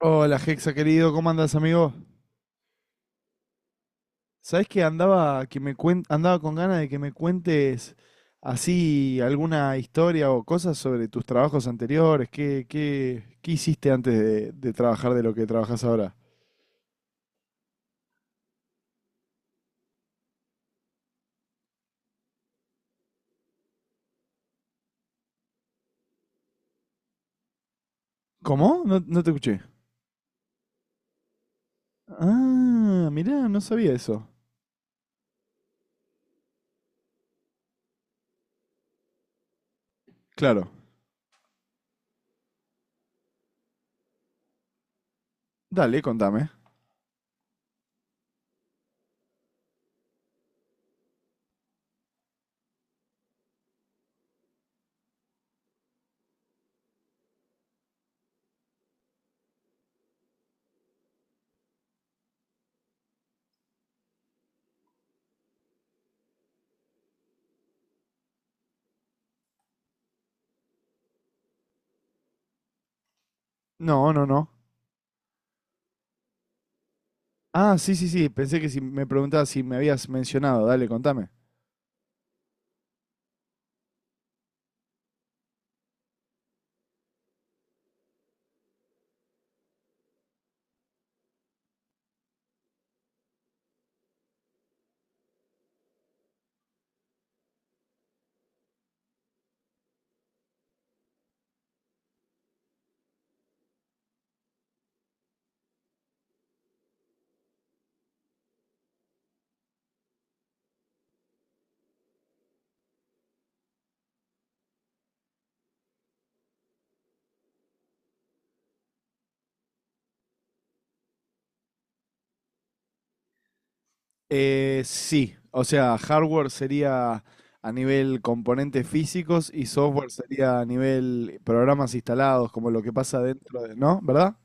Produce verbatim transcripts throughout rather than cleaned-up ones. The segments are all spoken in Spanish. Hola, Hexa querido, ¿cómo andas, amigo? ¿Sabés que andaba que me cuen- andaba con ganas de que me cuentes así alguna historia o cosas sobre tus trabajos anteriores? ¿Qué, qué, qué hiciste antes de, de trabajar de lo que trabajas ahora? ¿Cómo? No, no te escuché. Ah, mirá, no sabía eso. Claro. Dale, contame. No, no, no. Ah, sí, sí, sí. Pensé que si me preguntabas si me habías mencionado. Dale, contame. Eh, sí, o sea, hardware sería a nivel componentes físicos y software sería a nivel programas instalados, como lo que pasa dentro de, ¿no? ¿Verdad?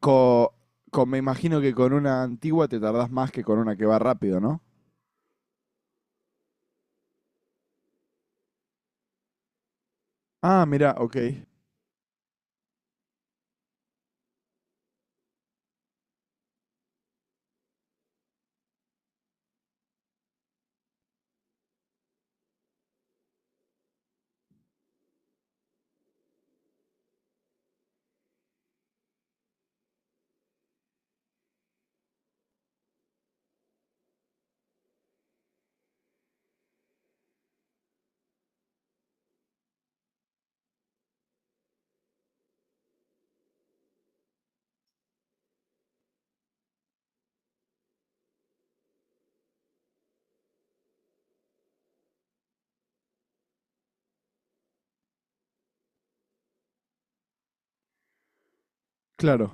Co- con- Me imagino que con una antigua te tardás más que con una que va rápido, ¿no? Ah, mirá, ok, claro,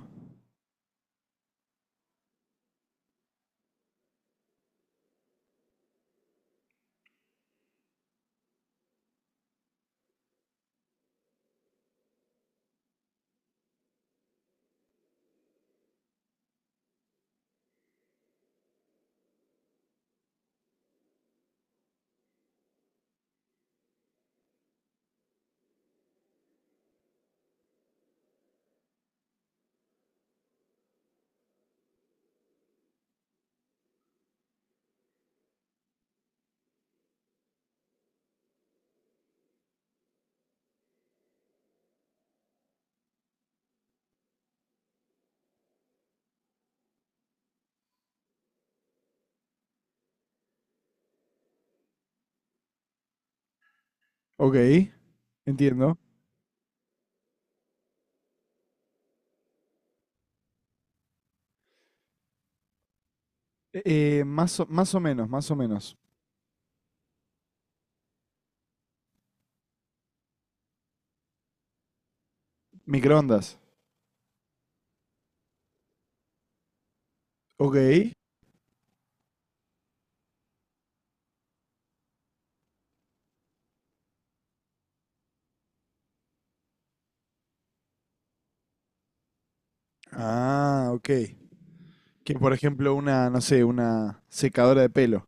ok, entiendo. Eh, más o, más o menos, más o menos. Microondas, ok. Ah, ok. Que por ejemplo una, no sé, una secadora de pelo.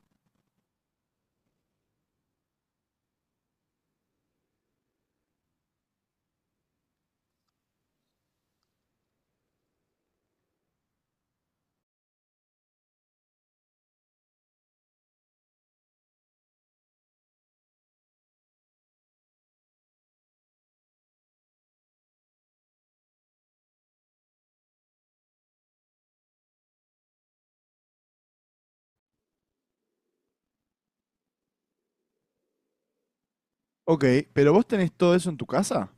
Ok, pero vos tenés todo eso en tu casa.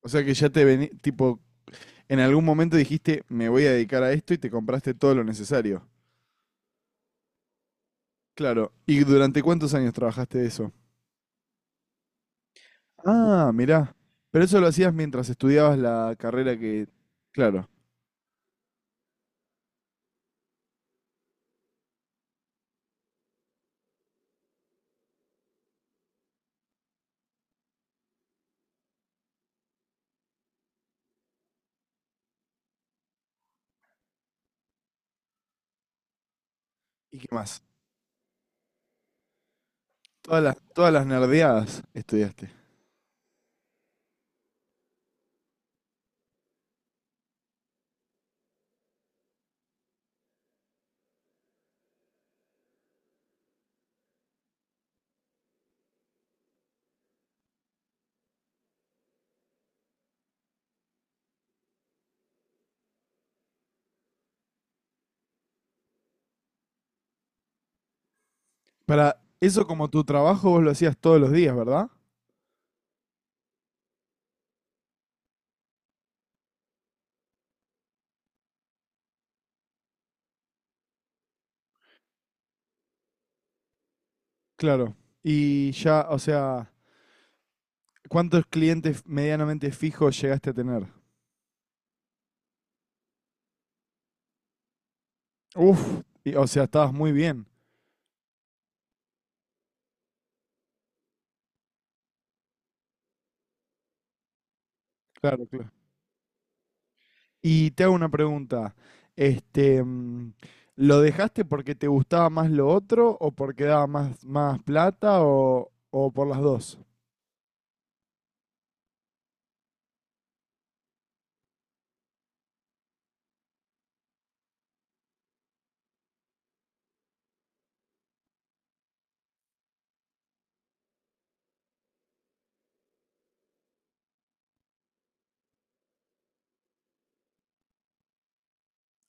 O sea que ya te vení, tipo, en algún momento dijiste, me voy a dedicar a esto y te compraste todo lo necesario. Claro. ¿Y durante cuántos años trabajaste de eso? Ah, mirá. Pero eso lo hacías mientras estudiabas la carrera que... Claro. ¿Y qué más? Todas las, todas las nerdeadas estudiaste. Para eso como tu trabajo vos lo hacías todos los días, ¿verdad? Claro. Y ya, o sea, ¿cuántos clientes medianamente fijos llegaste a tener? Uf, y- o sea, estabas muy bien. Claro, claro. Y te hago una pregunta. Este, mm, ¿lo dejaste porque te gustaba más lo otro o porque daba más, más plata o, o por las dos?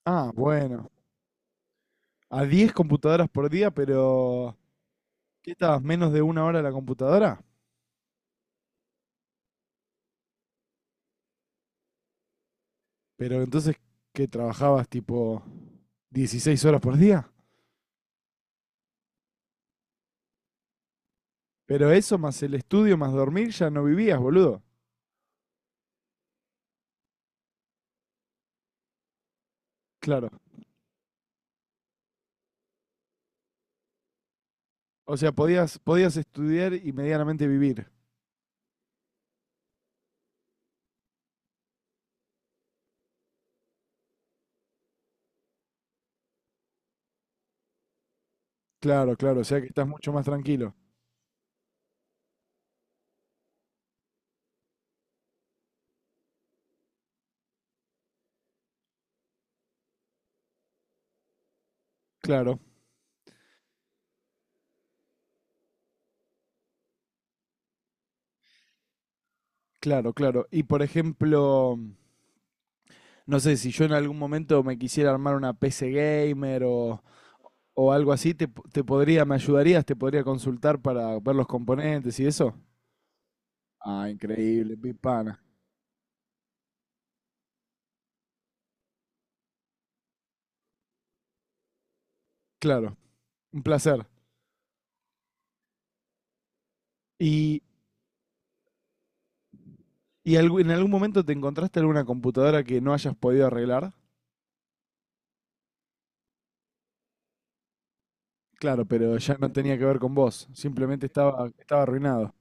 Ah, bueno. A diez computadoras por día, pero ¿qué estabas? ¿Menos de una hora en la computadora? Pero entonces, ¿qué trabajabas tipo dieciséis horas por día? Pero eso más el estudio más dormir ya no vivías, boludo. Claro. O sea, podías, podías estudiar y medianamente vivir. Claro, claro. O sea que estás mucho más tranquilo. Claro, claro, claro. Y por ejemplo, no sé, si yo en algún momento me quisiera armar una P C gamer o, o algo así, te, po- te podría, me ayudarías, te podría consultar para ver los componentes y eso. Ah, increíble, pipana. Claro, un placer. ¿Y, y algu- en algún momento te encontraste alguna computadora que no hayas podido arreglar? Claro, pero ya no tenía que ver con vos, simplemente estaba, estaba arruinado.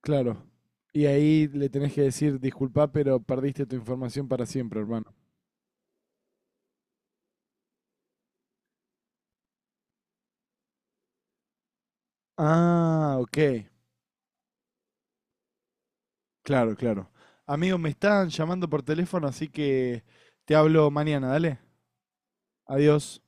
Claro. Y ahí le tenés que decir, disculpa, pero perdiste tu información para siempre, hermano. Ah, ok. Claro, claro. Amigo, me están llamando por teléfono, así que te hablo mañana, dale. Adiós.